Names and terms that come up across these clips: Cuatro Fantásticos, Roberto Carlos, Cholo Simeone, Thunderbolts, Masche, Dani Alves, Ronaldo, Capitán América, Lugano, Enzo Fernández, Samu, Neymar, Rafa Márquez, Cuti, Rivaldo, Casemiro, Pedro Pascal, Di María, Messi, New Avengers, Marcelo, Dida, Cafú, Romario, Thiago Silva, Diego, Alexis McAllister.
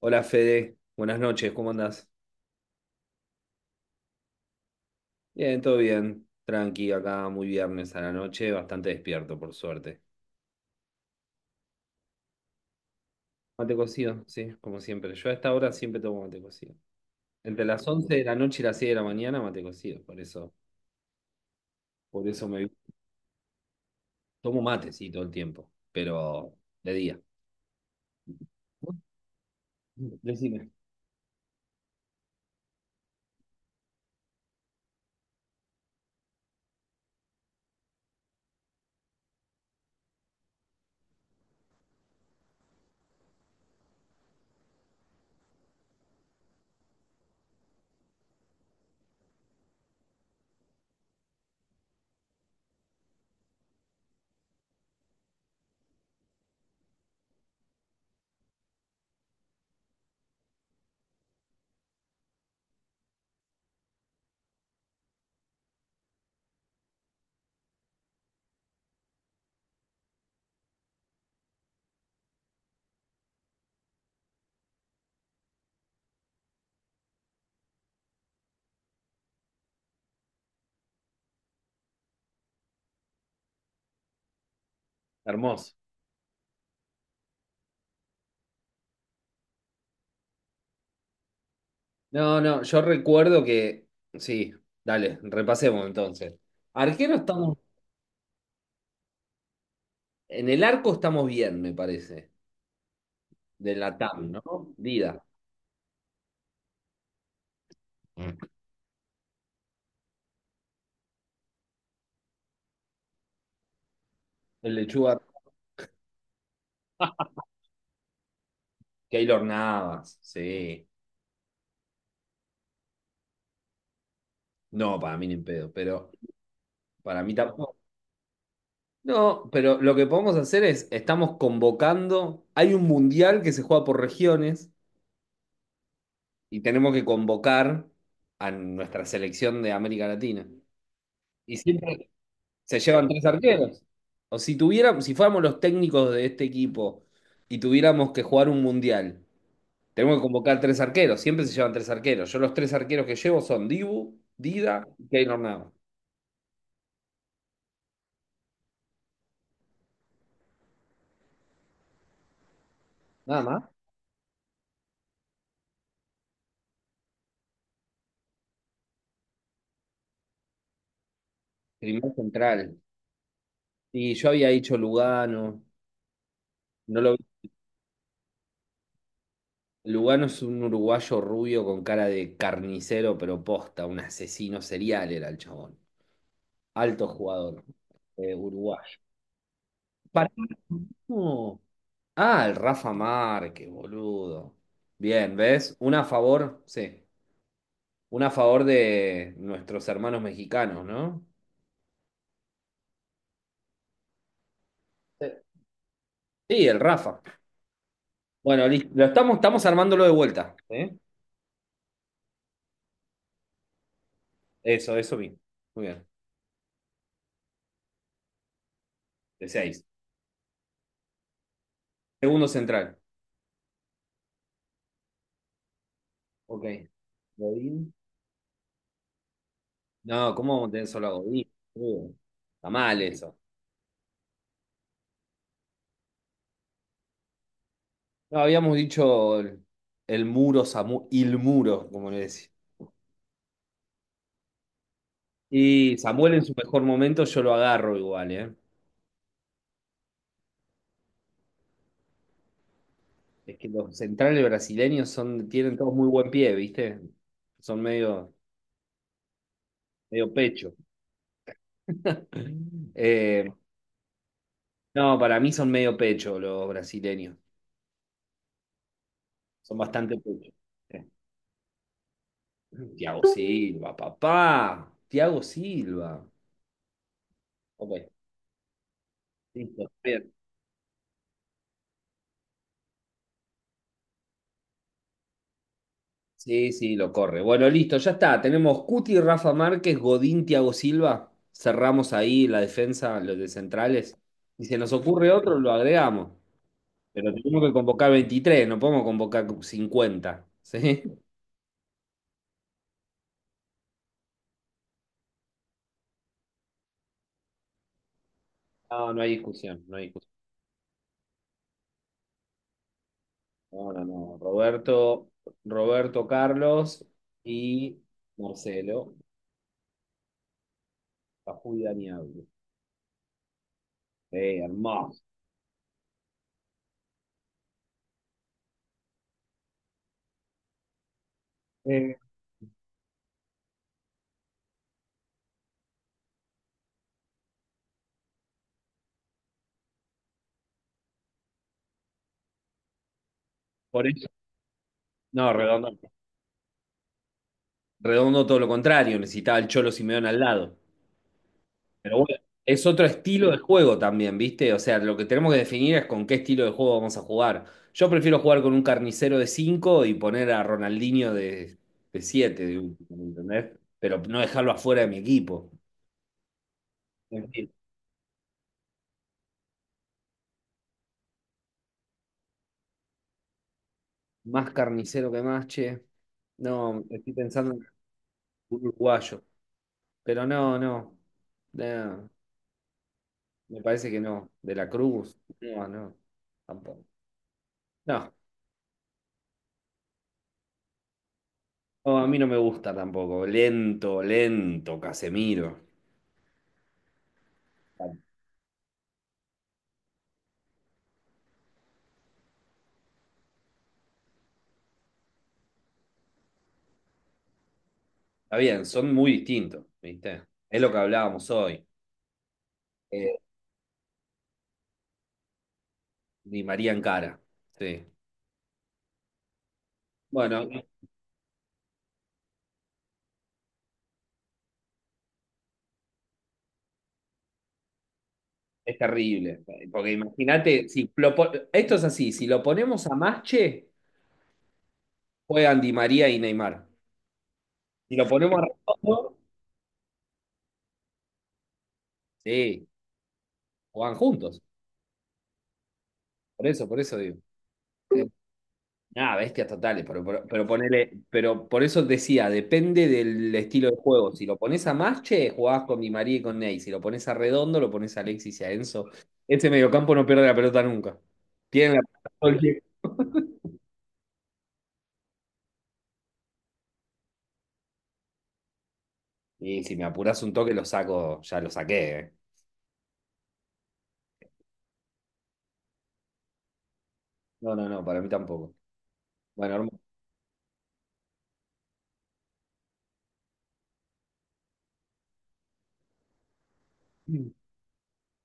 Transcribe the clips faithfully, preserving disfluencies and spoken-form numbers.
Hola Fede, buenas noches, ¿cómo andás? Bien, todo bien, tranqui, acá muy viernes a la noche, bastante despierto por suerte. Mate cocido, sí, como siempre. Yo a esta hora siempre tomo mate cocido. Entre las once de la noche y las seis de la mañana mate cocido, por eso, por eso me tomo mate, sí, todo el tiempo, pero de día. Decime. Hermoso. No, no, yo recuerdo que, sí, dale, repasemos entonces. Arquero estamos, en el arco estamos bien, me parece. De la T A M, ¿no? Dida. El lechuga Keylor Navas, sí. No, para mí ni en pedo, pero para mí tampoco. No, pero lo que podemos hacer es, estamos convocando, hay un mundial que se juega por regiones y tenemos que convocar a nuestra selección de América Latina. Y siempre se llevan tres arqueros. O si tuviéramos, si fuéramos los técnicos de este equipo y tuviéramos que jugar un mundial. Tenemos que convocar tres arqueros. Siempre se llevan tres arqueros. Yo los tres arqueros que llevo son Dibu, Dida y Keylor Navas. Nada más. Primer central. Y yo había dicho Lugano. No lo vi. Lugano es un uruguayo rubio con cara de carnicero, pero posta. Un asesino serial era el chabón. Alto jugador. Eh, uruguayo. Pará, no. Ah, el Rafa Márquez, boludo. Bien, ¿ves? Una a favor, sí. Una a favor de nuestros hermanos mexicanos, ¿no? Sí. Sí, el Rafa. Bueno, li- lo estamos, estamos armándolo de vuelta, ¿eh? Eso, eso bien. Muy bien. De seis. Segundo central. Ok. Godín. No, ¿cómo vamos a tener solo a Godín? Uh, Está mal eso. No, habíamos dicho el, el muro, Samu, il muro, como le decía. Y Samuel en su mejor momento yo lo agarro igual, ¿eh? Es que los centrales brasileños son, tienen todos muy buen pie, ¿viste? Son medio, medio pecho. Eh, No, para mí son medio pecho los brasileños. Son bastante pecho. Sí. Thiago Silva, papá. Thiago Silva. Ok, listo. Bien. Sí, sí, lo corre. Bueno, listo, ya está. Tenemos Cuti, Rafa Márquez, Godín, Thiago Silva. Cerramos ahí la defensa, los de centrales. Y si nos ocurre otro, lo agregamos. Pero tenemos que convocar veintitrés. No podemos convocar cincuenta, ¿sí? No, no hay discusión, no hay discusión. No, no, no. Roberto, Roberto Carlos y Marcelo, Cajú y Dani Alves. Eh, hermoso. Eh, Por eso, no, redondo. Redondo todo lo contrario, necesitaba el Cholo Simeone al lado. Pero bueno, es otro estilo de juego también, ¿viste? O sea, lo que tenemos que definir es con qué estilo de juego vamos a jugar. Yo prefiero jugar con un carnicero de cinco y poner a Ronaldinho de siete, de, siete de último, ¿me entendés? Pero no dejarlo afuera de mi equipo. En fin. Más carnicero que más, che. No, estoy pensando en un uruguayo. Pero no, no. No, me parece que no. De la Cruz. No, no. Tampoco. No, no, a mí no me gusta tampoco. Lento, lento, Casemiro. Está bien, son muy distintos, ¿viste? Es lo que hablábamos hoy. Eh, Di María en cara. Sí. Bueno, es terrible. Porque imagínate, si lo po- esto es así, si lo ponemos a Masche, juegan Di María y Neymar. Si lo ponemos a Redondo, sí, juegan juntos. Por eso, por eso digo. Eh, Nada, bestias totales, pero, pero, pero ponele, pero por eso decía, depende del estilo de juego. Si lo pones a Masche, jugás con Di María y con Ney. Si lo pones a Redondo, lo pones a Alexis y a Enzo. Ese mediocampo no pierde la pelota nunca. Tienen la pelota todo el tiempo. Y si me apurás un toque, lo saco, ya lo saqué. eh. No, no, no, para mí tampoco. Bueno, hermano.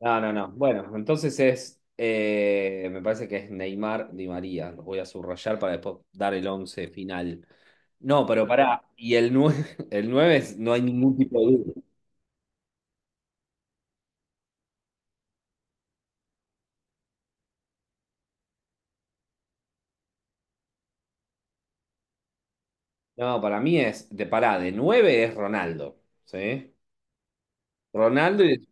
No, no, no. Bueno, entonces es, eh, me parece que es Neymar Di María. Los voy a subrayar para después dar el once final. No, pero pará, y el nueve, el nueve es- no hay ningún tipo de duda. No, para mí es, de pará, de nueve es Ronaldo, ¿sí? Ronaldo y,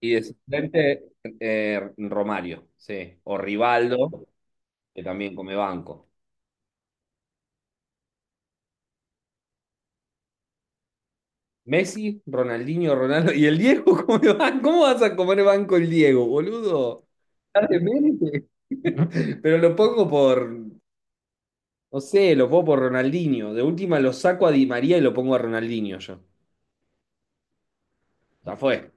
y de suplente eh, Romario, ¿sí? O Rivaldo, que también come banco. Messi, Ronaldinho, Ronaldo. ¿Y el Diego? ¿Cómo le van? ¿Cómo vas a comer banco el Diego, boludo? Estás demente. Pero lo pongo por, no sé, lo pongo por Ronaldinho. De última lo saco a Di María y lo pongo a Ronaldinho yo. Ya fue.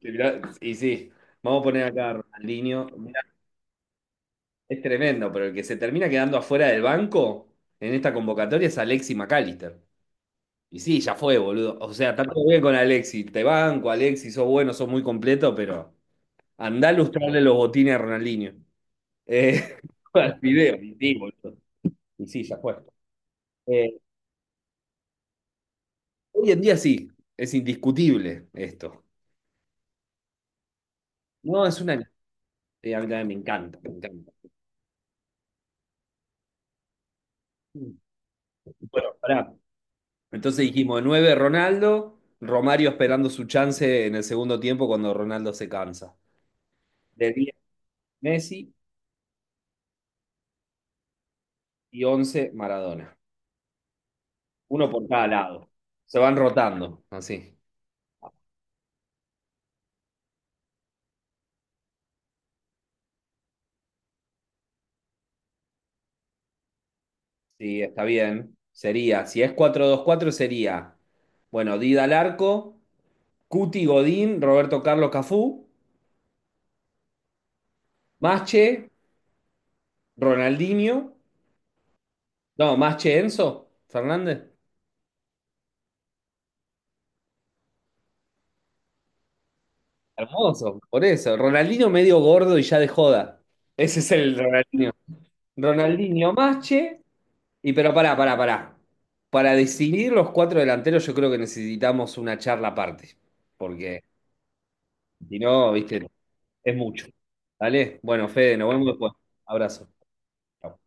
Y mirá, y sí, vamos a poner acá a Ronaldinho. Mirá, es tremendo, pero el que se termina quedando afuera del banco en esta convocatoria es Alexis McAllister. Y sí, ya fue, boludo. O sea, está todo bien con Alexis. Te banco, Alexis, sos bueno, sos muy completo, pero andá a lustrarle los botines a Ronaldinho. Eh, al video, y sí, boludo. Y sí, ya fue. Eh, Hoy en día sí, es indiscutible esto. No, es una. eh, a mí también me encanta, me encanta. Bueno, pará. Entonces dijimos, nueve Ronaldo, Romario esperando su chance en el segundo tiempo cuando Ronaldo se cansa. De diez Messi y once Maradona. Uno por cada lado. Se van rotando, así. Sí, está bien. Sería, si es cuatro dos cuatro sería, bueno, Dida al arco, Cuti Godín, Roberto Carlos Cafú, Masche, Ronaldinho, no, Masche, Enzo Fernández. Hermoso, por eso. Ronaldinho medio gordo y ya de joda. Ese es el Ronaldinho. Ronaldinho, Masche y pero pará, pará, pará. Para decidir los cuatro delanteros yo creo que necesitamos una charla aparte, porque si no, viste, es mucho. Dale. Bueno, Fede, nos vemos después. Abrazo. Chau.